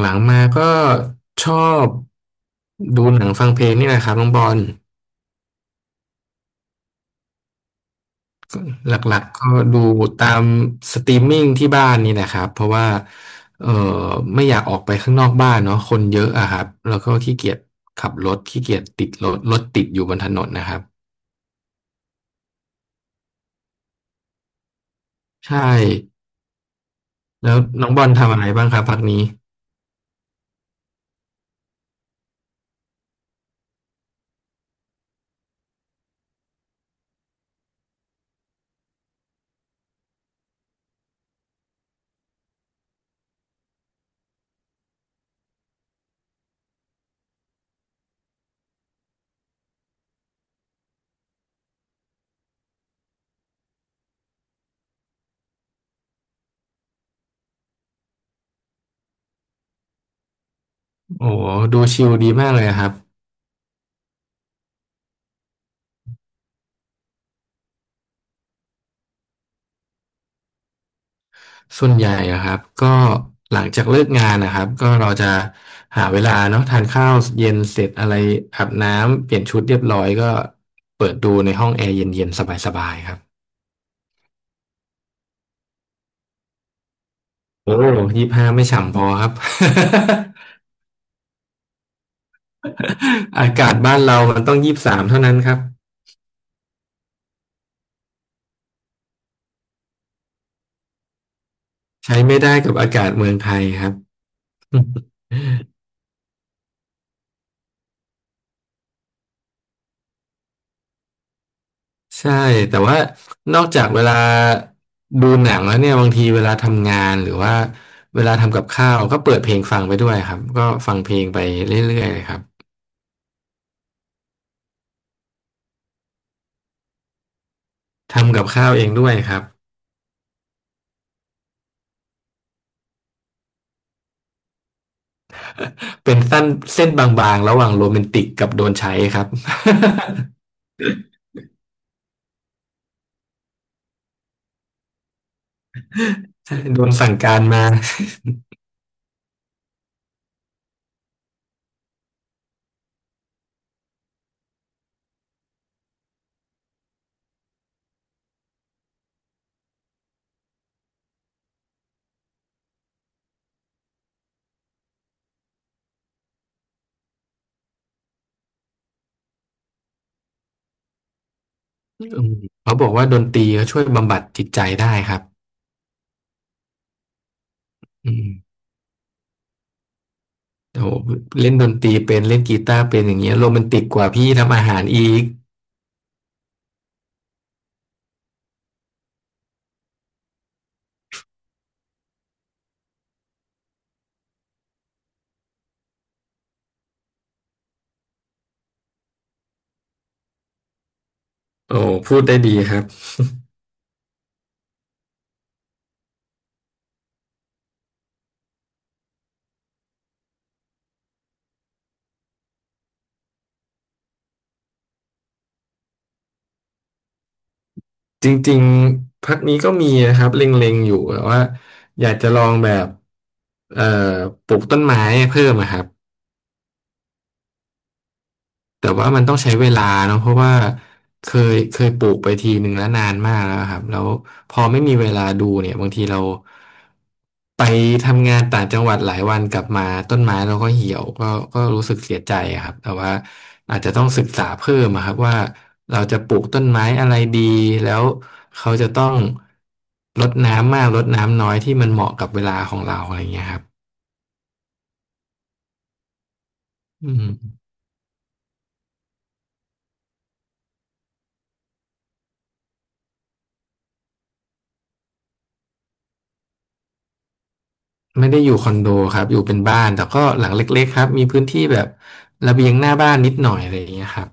หลังๆมาก็ชอบดูหนังฟังเพลงนี่แหละครับน้องบอลหลักๆก็ดูตามสตรีมมิ่งที่บ้านนี่นะครับเพราะว่าเออไม่อยากออกไปข้างนอกบ้านเนาะคนเยอะอะครับแล้วก็ขี้เกียจขับรถขี้เกียจติดรถติดอยู่บนถนนนะครับใช่แล้วน้องบอลทำอะไรบ้างครับพักนี้โอ้โหดูชิลดีมากเลยอะครับ ส่วนใหญ่อะครับก็หลังจากเลิกงานนะครับก็เราจะหาเวลาเนาะทานข้าวเย็นเสร็จอะไรอาบน้ำเปลี่ยนชุดเรียบร้อยก็เปิดดูในห้องแอร์เย็นๆสบายๆครับโอ้ยี่สิบห้าไม่ฉ่ำพอครับ อากาศบ้านเรามันต้องยี่สิบสามเท่านั้นครับใช้ไม่ได้กับอากาศเมืองไทยครับ ใช่แต่ว่านอกจากเวลาดูหนังแล้วเนี่ยบางทีเวลาทำงานหรือว่าเวลาทำกับข้าวก็เปิดเพลงฟังไปด้วยครับก็ฟังเพลงไปเรื่อยๆเลยครับทำกับข้าวเองด้วยครับเป็นสั้นเส้นบางๆระหว่างโรแมนติกกับโดนใช้ครับ โดนสั่งการมา อืมเขาบอกว่าดนตรีเขาช่วยบำบัดจิตใจได้ครับอืมโอ้โหเล่นดนตรีเป็นเล่นกีตาร์เป็นอย่างเงี้ยโรแมนติกกว่าพี่ทำอาหารอีกโอ้พูดได้ดีครับ จริงๆ พักนี้ก็มีนะครับเล็งๆอยู่แต่ว่าอยากจะลองแบบเอ่อปลูกต้นไม้เพิ่มอะครับ แต่ว่ามันต้องใช้เวลาเนาะเพราะว่าเคเคยปลูกไปทีหนึ่งแล้วนานมากแล้วครับแล้วพอไม่มีเวลาดูเนี่ยบางทีเราไปทำงานต่างจังหวัดหลายวันกลับมาต้นไม้เราก็เหี่ยวก็รู้สึกเสียใจอะครับแต่ว่าอาจจะต้องศึกษาเพิ่มอะครับว่าเราจะปลูกต้นไม้อะไรดีแล้วเขาจะต้องรดน้ำมากรดน้ำน้อยที่มันเหมาะกับเวลาของเราอะไรเงี้ยครับอืม ไม่ได้อยู่คอนโดครับอยู่เป็นบ้านแต่ก็หลังเล็กๆครับมีพื้นที่แบบระเบียงหน้าบ้านนิดหน่อยอะไรอย่างเงี้ยครับ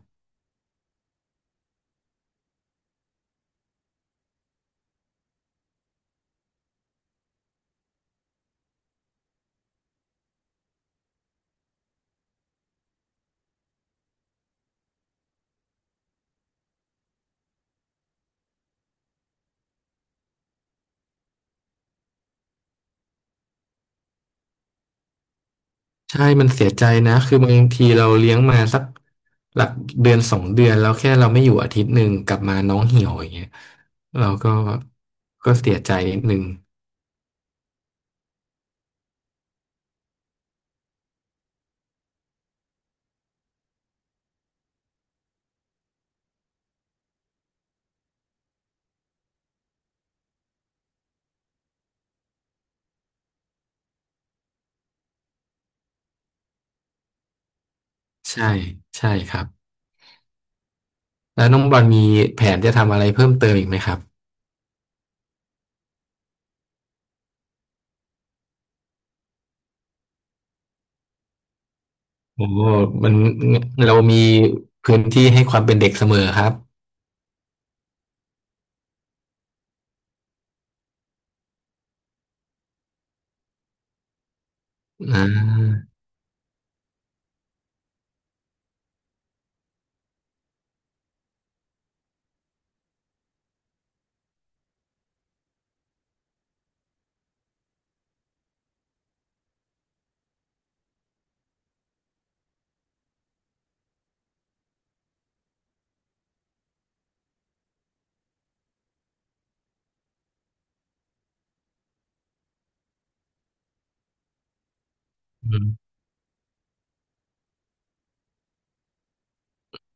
ใช่มันเสียใจนะคือบางทีเราเลี้ยงมาสักหลักเดือนสองเดือนแล้วแค่เราไม่อยู่อาทิตย์หนึ่งกลับมาน้องเหี่ยวอย่างเงี้ยเราก็เสียใจนิดนึงใช่ใช่ครับแล้วน้องบอลมีแผนจะทำอะไรเพิ่มเติมอีกไหมครับโอ้มันเรามีพื้นที่ให้ความเป็นเด็กเสมอครับอ่า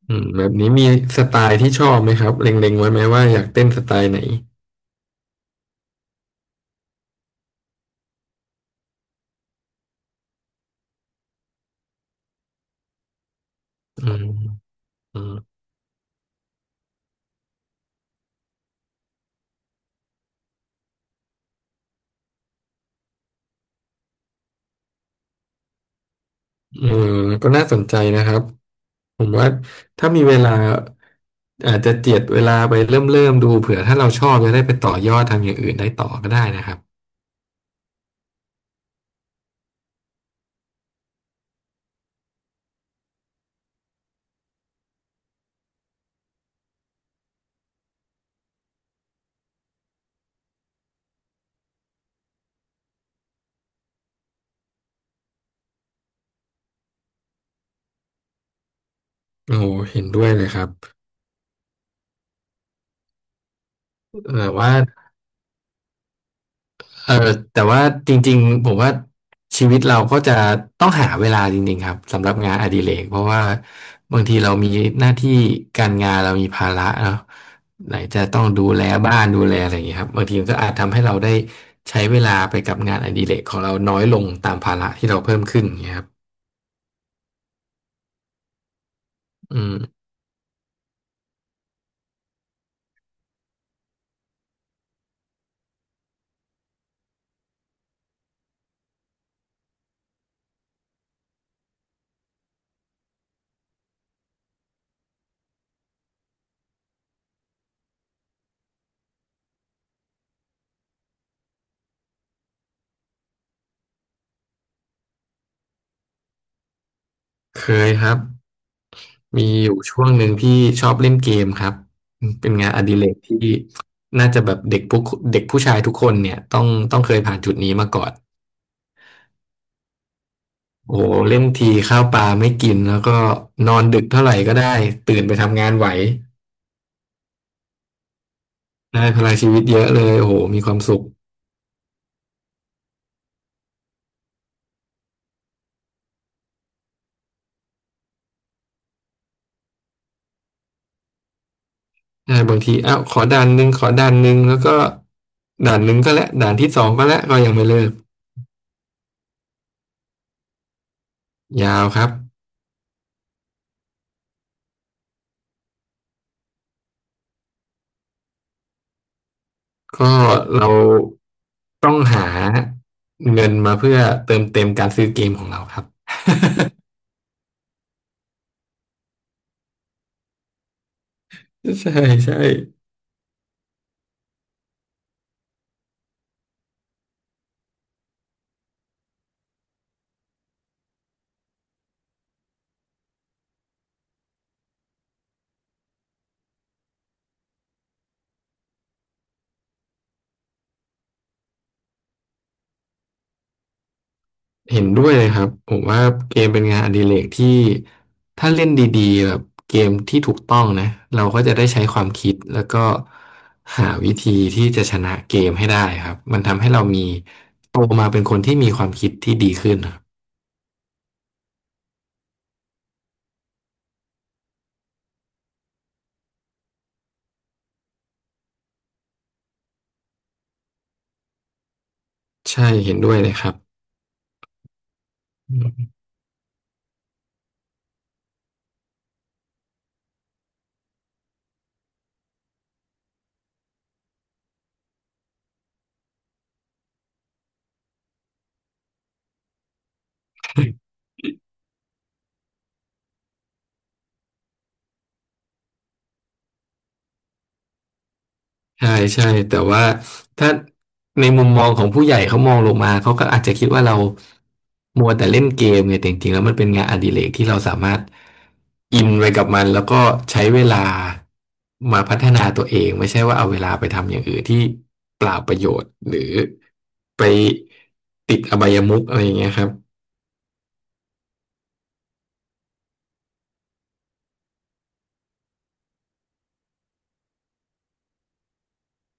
อืมแบบนี้มีสไตล์ที่ชอบไหมครับเล็งๆไว้ไหมว่าอยากเต้นสไตล์ไหนอืมอืมเออก็น่าสนใจนะครับผมว่าถ้ามีเวลาอาจจะเจียดเวลาไปเริ่มดูเผื่อถ้าเราชอบจะได้ไปต่อยอดทำอย่างอื่นได้ต่อก็ได้นะครับโอ้เห็นด้วยเลยครับแต่ว่า เออแต่ว่าจริงๆผมว่าชีวิตเราก็จะต้องหาเวลาจริงๆครับสำหรับงานอดิเรกเพราะว่าบางทีเรามีหน้าที่การงานเรามีภาระเนาะไหนจะต้องดูแลบ้านดูแลอะไรอย่างเงี้ยครับบางทีมันก็อาจทำให้เราได้ใช้เวลาไปกับงานอดิเรกของเราน้อยลงตามภาระที่เราเพิ่มขึ้นอย่างเงี้ยครับอืมเคยครับมีอยู่ช่วงหนึ่งที่ชอบเล่นเกมครับเป็นงานอดิเรกที่น่าจะแบบเด็กผู้ชายทุกคนเนี่ยต้องเคยผ่านจุดนี้มาก่อน โอ้โหเล่นทีข้าวปลาไม่กินแล้วก็นอนดึกเท่าไหร่ก็ได้ตื่นไปทำงานไหวได้พลังชีวิตเยอะเลยโอ้โหมีความสุขได้บางทีอ้าวขอด่านหนึ่งแล้วก็ด่านหนึ่งก็แล้วด่านที่สองก็แล้วก็ยังไม่เลิกยาวครับก็เราต้องหาเงินมาเพื่อเติมเต็มการซื้อเกมของเราครับ ใช่ใช่ เห็นด้วยเลยครับผมว่าเกมเป็นงานอดิเรกที่ถ้าเล่นดีๆแบบเกมที่ถูกต้องนะเราก็จะได้ใช้ความคิดแล้วก็หาวิธีที่จะชนะเกมให้ได้ครับมันทำให้เรามีโตมาเป็นคนที่มีความคิดที่ดีขึ้นครับใช่เห็นด้วยเลยครับ ใช่ใช่แต่ว่าถ้าในมุมมองของผู้ใหญ่เขามองลงมาเขาก็อาจจะคิดว่าเรามัวแต่เล่นเกมไงี่ยแต่จริงๆแล้วมันเป็นงานอดิเรกที่เราสามารถอินไปกับมันแล้วก็ใช้เวลามาพัฒนาตัวเองไม่ใช่ว่าเอาเวลาไปทำอย่างอื่นที่เปล่าประโยชน์หรือไปติดอบายมุขอะไรอย่างเงี้ยครับ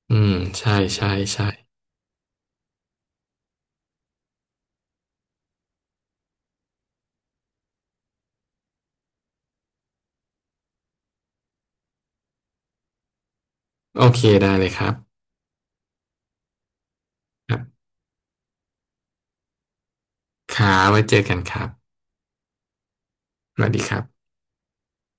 อืมใช่ใช่ใช่โอเคได้เลยครับครับขาไว้เจอกันครับสวัสดีครับ